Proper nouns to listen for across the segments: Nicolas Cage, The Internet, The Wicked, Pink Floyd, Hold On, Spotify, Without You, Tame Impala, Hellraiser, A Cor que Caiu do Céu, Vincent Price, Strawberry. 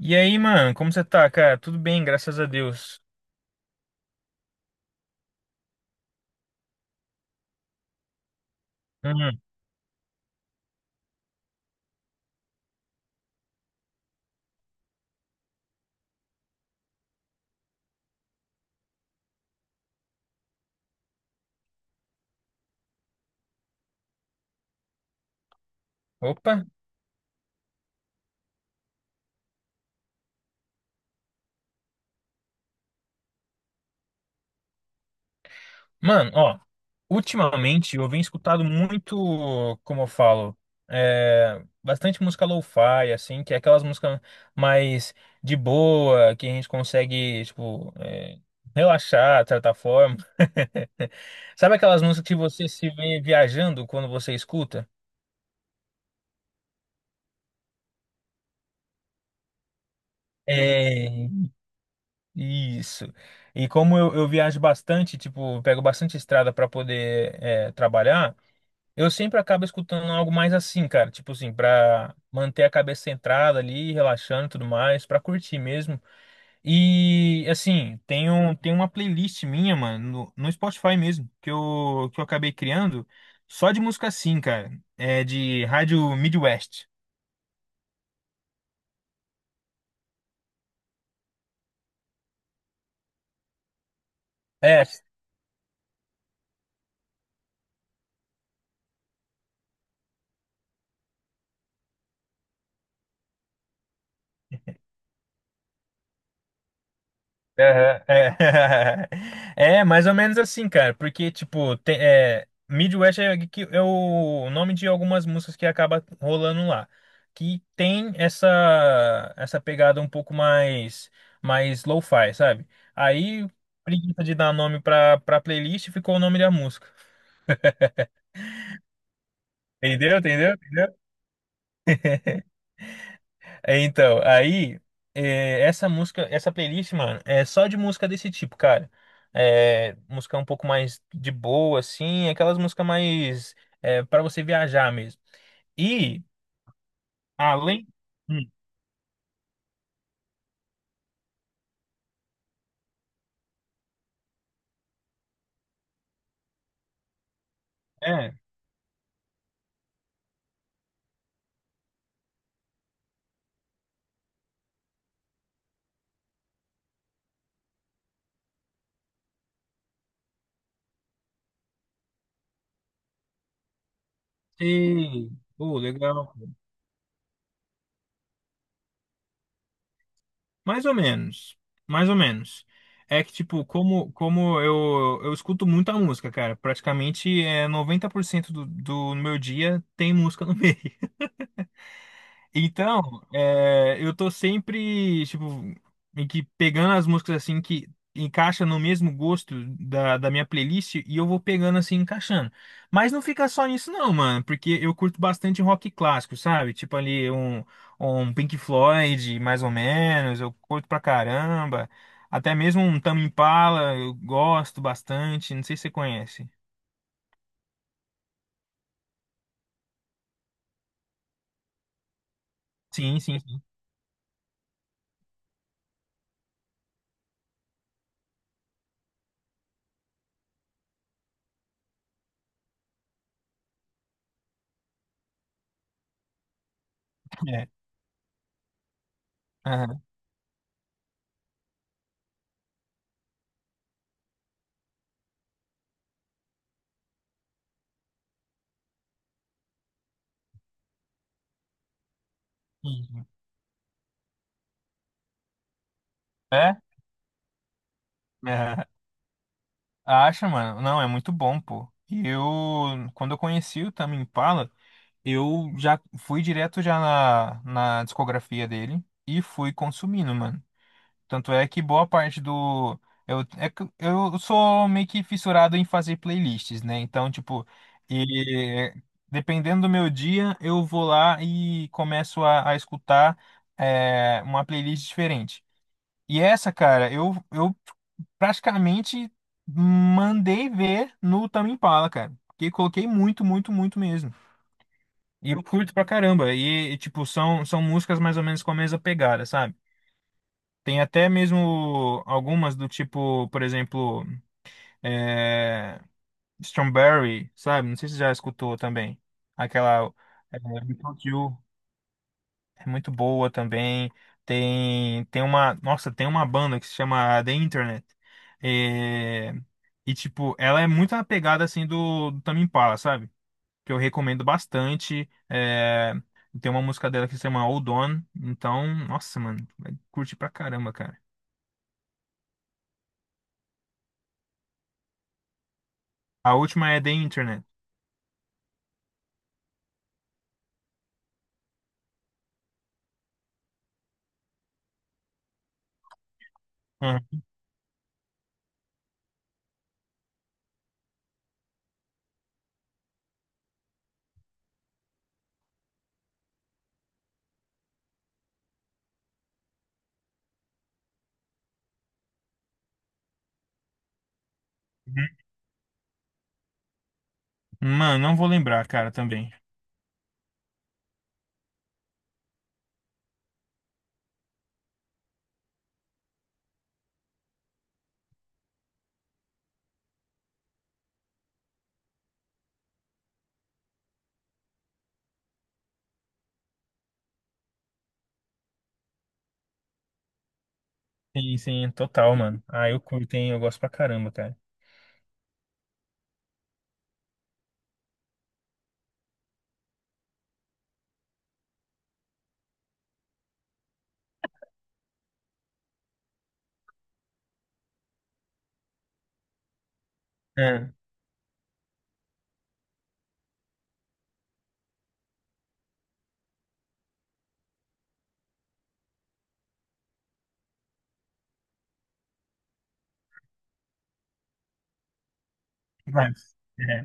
E aí, mano, como você tá, cara? Tudo bem, graças a Deus. Hum, opa. Mano, ó, ultimamente eu venho escutado muito, como eu falo, bastante música lo-fi, assim, que é aquelas músicas mais de boa, que a gente consegue, tipo, relaxar, de certa forma. Sabe aquelas músicas que você se vê viajando quando você escuta? É. Isso. E como eu viajo bastante, tipo, eu pego bastante estrada para poder trabalhar, eu sempre acabo escutando algo mais assim, cara, tipo assim, para manter a cabeça centrada ali, relaxando e tudo mais, para curtir mesmo. E assim, tem uma playlist minha, mano, no Spotify mesmo, que eu acabei criando só de música assim, cara, é de rádio Midwest. É. Aham. É. É, mais ou menos assim, cara, porque, tipo, Midwest é o nome de algumas músicas que acaba rolando lá, que tem essa pegada um pouco mais lo-fi, sabe? Aí, preguiça de dar nome pra playlist, ficou o nome da música. Entendeu? Entendeu? Entendeu? É. Então, aí, essa música, essa playlist, mano, é só de música desse tipo, cara. É, música um pouco mais de boa, assim, aquelas músicas mais, para você viajar mesmo. E, além. Hum. É. E. Pô, legal. Mais ou menos. Mais ou menos. É que, tipo, como eu escuto muita música, cara. Praticamente 90% do meu dia tem música no meio. Então, eu tô sempre, tipo, meio que pegando as músicas assim que encaixa no mesmo gosto da minha playlist e eu vou pegando assim, encaixando. Mas não fica só nisso não, mano, porque eu curto bastante rock clássico, sabe? Tipo ali um Pink Floyd, mais ou menos, eu curto pra caramba. Até mesmo um Tame Impala, eu gosto bastante, não sei se você conhece. Sim, sim, sim. É. Aham. Sim, sim. É? É. Acha, mano? Não, é muito bom, pô. E eu, quando eu conheci o Tame Impala, eu já fui direto já na discografia dele e fui consumindo, mano. Tanto é que boa parte do... é que eu sou meio que fissurado em fazer playlists, né? Então, tipo, e, dependendo do meu dia, eu vou lá e começo a escutar uma playlist diferente. E essa, cara, eu praticamente mandei ver no Tame Impala, cara. Porque coloquei muito, muito, muito mesmo. E eu curto pra caramba. Tipo, são músicas mais ou menos com a mesma pegada, sabe? Tem até mesmo algumas do tipo, por exemplo, é, Strawberry, sabe? Não sei se você já escutou também. Aquela é, Without You é muito boa também. Tem uma banda que se chama The Internet. É. E, tipo, ela é muito na pegada, assim, do Tame Impala, sabe? Que eu recomendo bastante. Tem uma música dela que se chama Hold On. Então, nossa, mano, vai curtir pra caramba, cara. A última é The Internet. Uhum. Mano, não vou lembrar, cara, também. Sim, sim, total, mano. Ah, eu curto, hein? Eu gosto pra caramba, cara. É. Mas, é.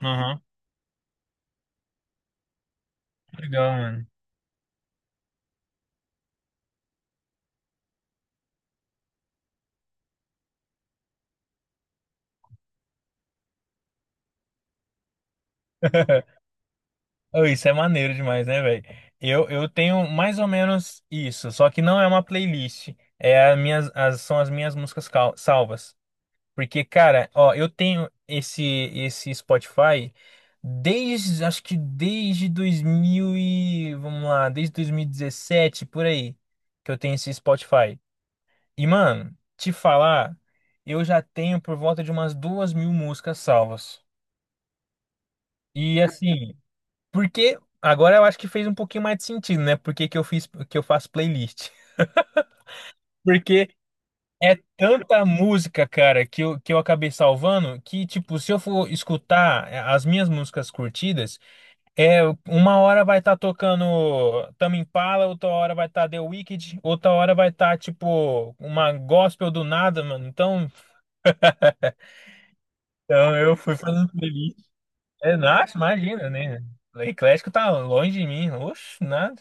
Aham. Legal, mano. Oh, isso é maneiro demais, né, velho? Eu tenho mais ou menos isso, só que não é uma playlist. É são as minhas músicas salvas. Porque, cara, ó, eu tenho esse Spotify desde, acho que desde 2000 e, vamos lá, desde 2017, por aí, que eu tenho esse Spotify. E, mano, te falar, eu já tenho por volta de umas 2.000 músicas salvas. E, assim... Porque agora eu acho que fez um pouquinho mais de sentido, né? Por que que eu faço playlist? Porque é tanta música, cara, que eu acabei salvando que, tipo, se eu for escutar as minhas músicas curtidas, é uma hora vai estar tocando Tame Impala, outra hora vai estar The Wicked, outra hora vai estar, tipo, uma gospel do nada, mano. Então, eu fui fazendo playlist. É, nossa, imagina, né? Eclético tá longe de mim. Oxe, nada.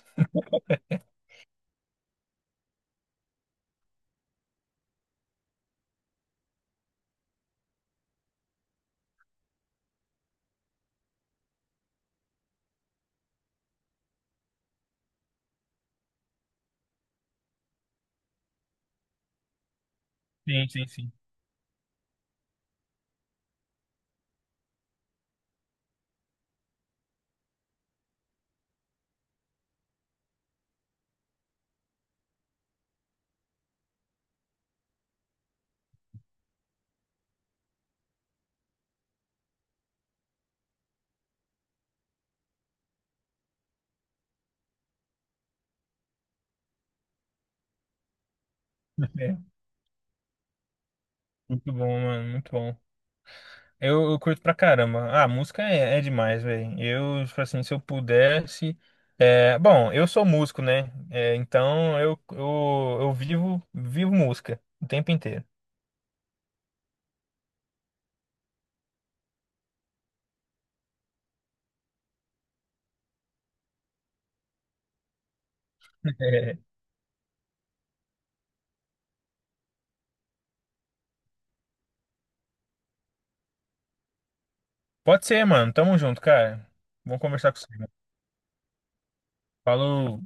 Sim, sim, sim. Muito bom, mano, muito bom. Eu curto pra caramba. Ah, música é demais, velho. Eu, tipo assim, se eu pudesse. É, bom, eu sou músico, né? É, então eu vivo música o tempo inteiro. Pode ser, mano. Tamo junto, cara. Vamos conversar com você, mano. Falou.